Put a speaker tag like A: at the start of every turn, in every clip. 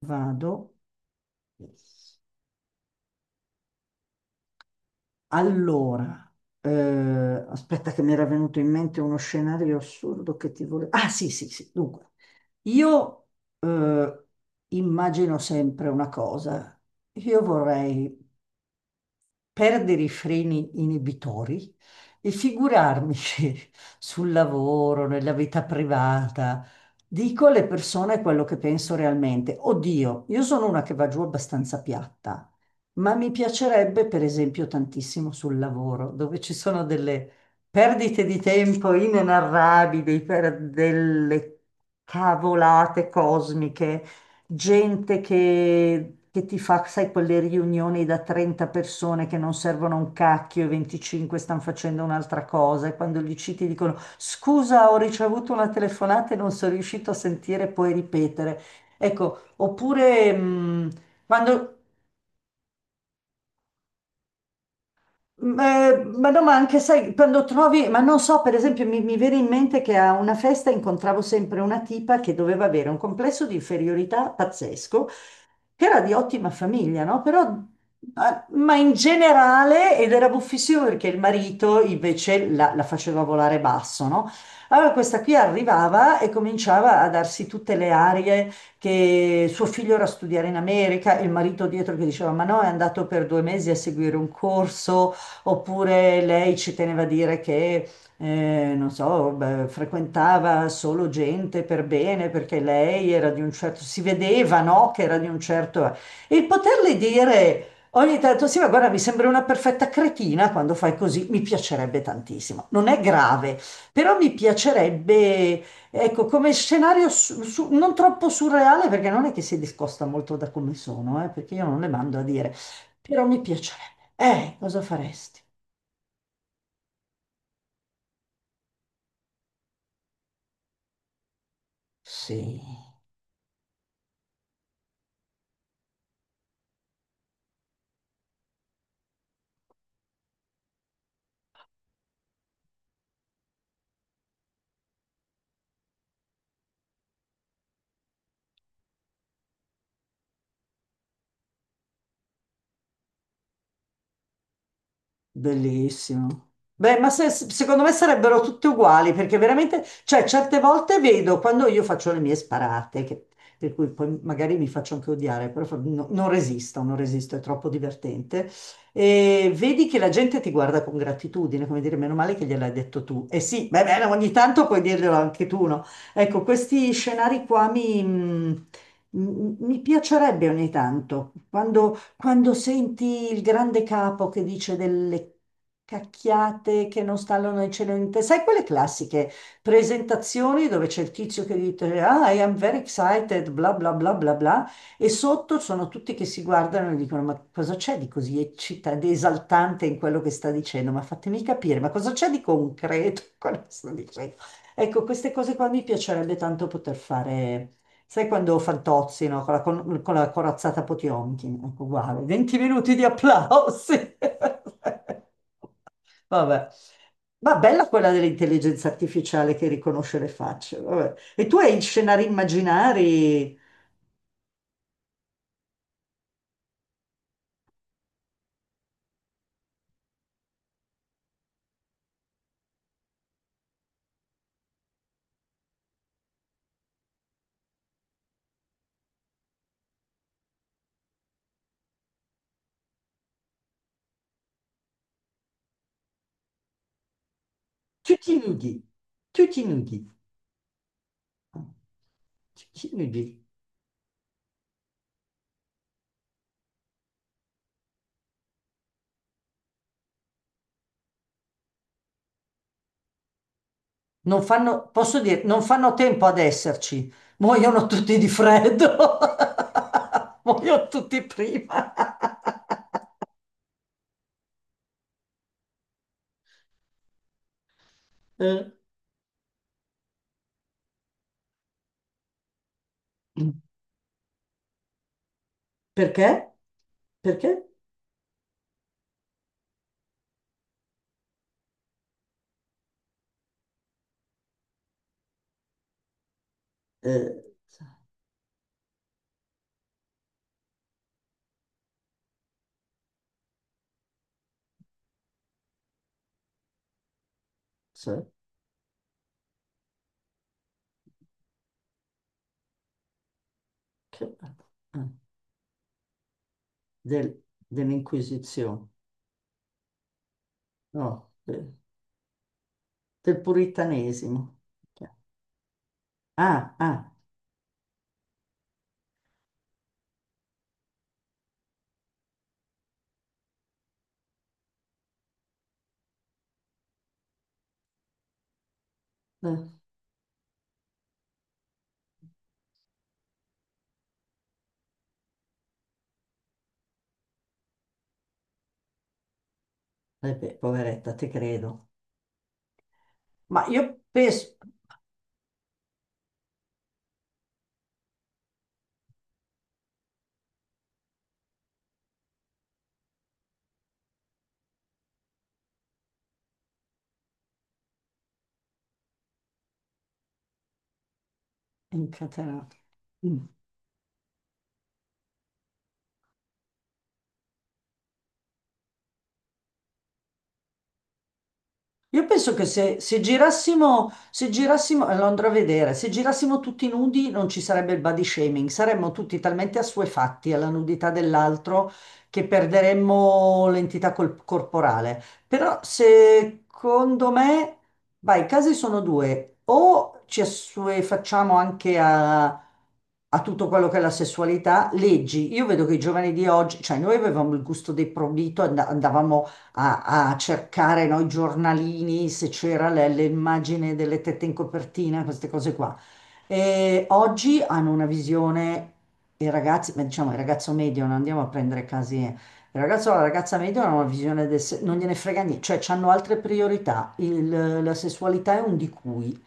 A: Vado. Allora, aspetta che mi era venuto in mente uno scenario assurdo che ti volevo... Ah, sì, sì, sì. Dunque, io eh, immagino sempre una cosa. Io vorrei perdere i freni inibitori e figurarmi se sul lavoro, nella vita privata. Dico alle persone quello che penso realmente. Oddio, io sono una che va giù abbastanza piatta, ma mi piacerebbe, per esempio, tantissimo sul lavoro, dove ci sono delle perdite di tempo inenarrabili per delle cavolate cosmiche, gente che ti fa, sai, quelle riunioni da 30 persone che non servono a un cacchio e 25 stanno facendo un'altra cosa, e quando gli citi dicono: scusa, ho ricevuto una telefonata e non sono riuscito a sentire, puoi ripetere. Ecco, oppure quando... ma no, ma anche, sai, quando trovi, ma non so, per esempio, mi viene in mente che a una festa incontravo sempre una tipa che doveva avere un complesso di inferiorità pazzesco, era di ottima famiglia, no? Però, ma in generale, ed era buffissimo perché il marito invece la faceva volare basso, no? Allora questa qui arrivava e cominciava a darsi tutte le arie, che suo figlio era a studiare in America, e il marito dietro che diceva: ma no, è andato per 2 mesi a seguire un corso, oppure lei ci teneva a dire che non so, beh, frequentava solo gente per bene perché lei era di un certo, si vedeva, no, che era di un certo... E poterle dire ogni tanto: sì, ma guarda, mi sembra una perfetta cretina quando fai così, mi piacerebbe tantissimo. Non è grave, però mi piacerebbe, ecco, come scenario, non troppo surreale perché non è che si discosta molto da come sono, perché io non le mando a dire, però mi piacerebbe. Cosa faresti? Sì. Bellissimo. Beh, ma secondo me sarebbero tutte uguali, perché veramente, cioè, certe volte vedo quando io faccio le mie sparate, per cui poi magari mi faccio anche odiare, però non resisto, non resisto, è troppo divertente. E vedi che la gente ti guarda con gratitudine, come dire, meno male che gliel'hai detto tu. E sì, beh, beh, ogni tanto puoi dirglielo anche tu, no? Ecco, questi scenari qua mi, mm, mi mi piacerebbe ogni tanto, quando senti il grande capo che dice delle cacchiate che non stanno nel cielo né in terra, sai, quelle classiche presentazioni dove c'è il tizio che dice: Ah, I am very excited, bla bla bla bla bla, e sotto sono tutti che si guardano e dicono: ma cosa c'è di così eccitante, di esaltante in quello che sta dicendo? Ma fatemi capire, ma cosa c'è di concreto in quello che sta dicendo? Ecco, queste cose qua mi piacerebbe tanto poter fare. Sai quando Fantozzi, no? Con la, con la corazzata Potionkin, ecco, uguale. 20 minuti di applausi. Vabbè. Ma bella quella dell'intelligenza artificiale che riconosce le facce. Vabbè. E tu hai scenari immaginari. Tutti nudi, tutti nudi, tutti nudi. Non fanno, posso dire, non fanno tempo ad esserci. Muoiono tutti di freddo. Muoiono tutti prima. Eh. Perché? Perché? eh, cioè, che- eh, dell'Inquisizione, no, del puritanesimo. Ah, ah, eh, eh beh, poveretta, ti credo. Ma io penso, incatenato. Io penso che se, se girassimo, se girassimo, lo andrò a vedere, se girassimo tutti nudi non ci sarebbe il body shaming, saremmo tutti talmente assuefatti alla nudità dell'altro che perderemmo l'entità corporale. Però secondo me, vai, i casi sono due: o ci assuefacciamo anche a tutto quello che è la sessualità, leggi, io vedo che i giovani di oggi, cioè, noi avevamo il gusto dei proibito, andavamo a cercare noi giornalini se c'era le immagini delle tette in copertina, queste cose qua. E oggi hanno una visione, i ragazzi, ma diciamo il ragazzo medio, non andiamo a prendere casi, eh. Il ragazzo o la ragazza medio hanno una visione del, non gliene frega niente, cioè hanno altre priorità. La sessualità è un di cui.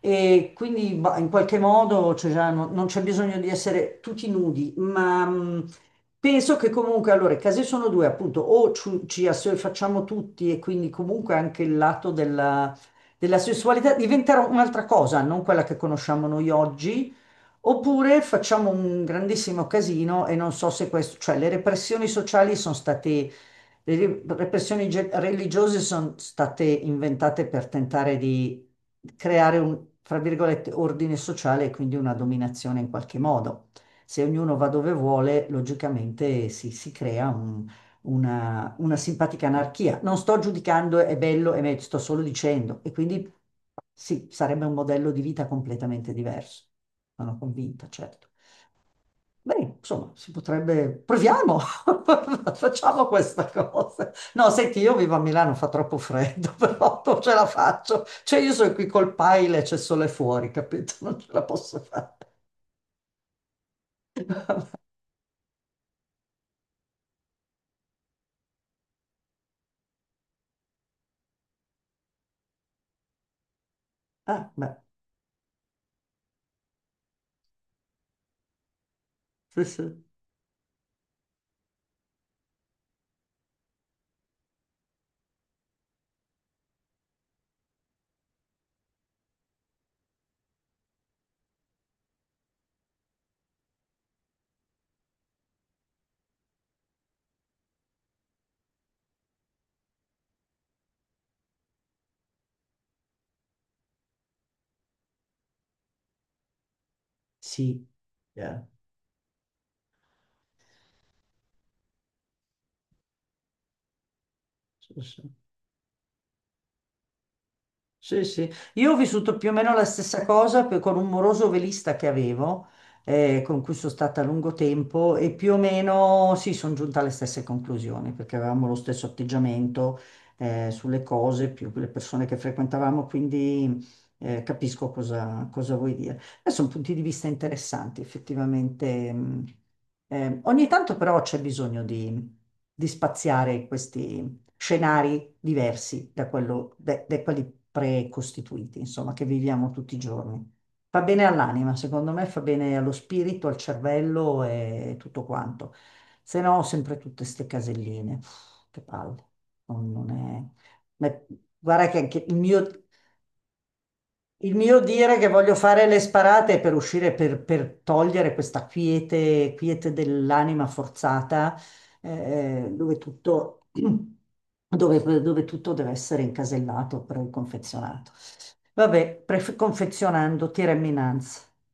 A: E quindi bah, in qualche modo, cioè, già non c'è bisogno di essere tutti nudi, ma penso che comunque, allora, i casi sono due, appunto: o ci assuefacciamo tutti e quindi comunque anche il lato della, della sessualità diventerà un'altra cosa, non quella che conosciamo noi oggi, oppure facciamo un grandissimo casino. E non so se questo, cioè, le repressioni sociali sono state, le repressioni religiose sono state inventate per tentare di creare un, fra virgolette, ordine sociale e quindi una dominazione in qualche modo. Se ognuno va dove vuole, logicamente si crea una simpatica anarchia. Non sto giudicando è bello e meglio, sto solo dicendo. E quindi sì, sarebbe un modello di vita completamente diverso. Sono convinta, certo. Beh, insomma, si potrebbe... Proviamo! Facciamo questa cosa. No, senti, io vivo a Milano, fa troppo freddo, però non ce la faccio. Cioè, io sono qui col paile, c'è sole fuori, capito? Non ce la posso fare. Ah, beh, sì, sì. Sì, yeah, sì, sì. Sì, sì, io ho vissuto più o meno la stessa cosa con un moroso velista che avevo, con cui sono stata a lungo tempo e più o meno sì, sono giunta alle stesse conclusioni perché avevamo lo stesso atteggiamento, sulle cose, più le persone che frequentavamo, quindi capisco cosa vuoi dire. Sono punti di vista interessanti, effettivamente. Mh. Ogni tanto però c'è bisogno di, spaziare, scenari diversi da quelli precostituiti, insomma, che viviamo tutti i giorni. Fa bene all'anima, secondo me fa bene allo spirito, al cervello e tutto quanto. Se no, sempre tutte ste caselline. Pff, che palle. Non, non è... ma- Guarda che anche il mio dire che voglio fare le sparate è per uscire, per togliere questa quiete, quiete dell'anima forzata, dove tutto, dove, dove tutto deve essere incasellato, preconfezionato. Vabbè, confezionando, tirami innanzi.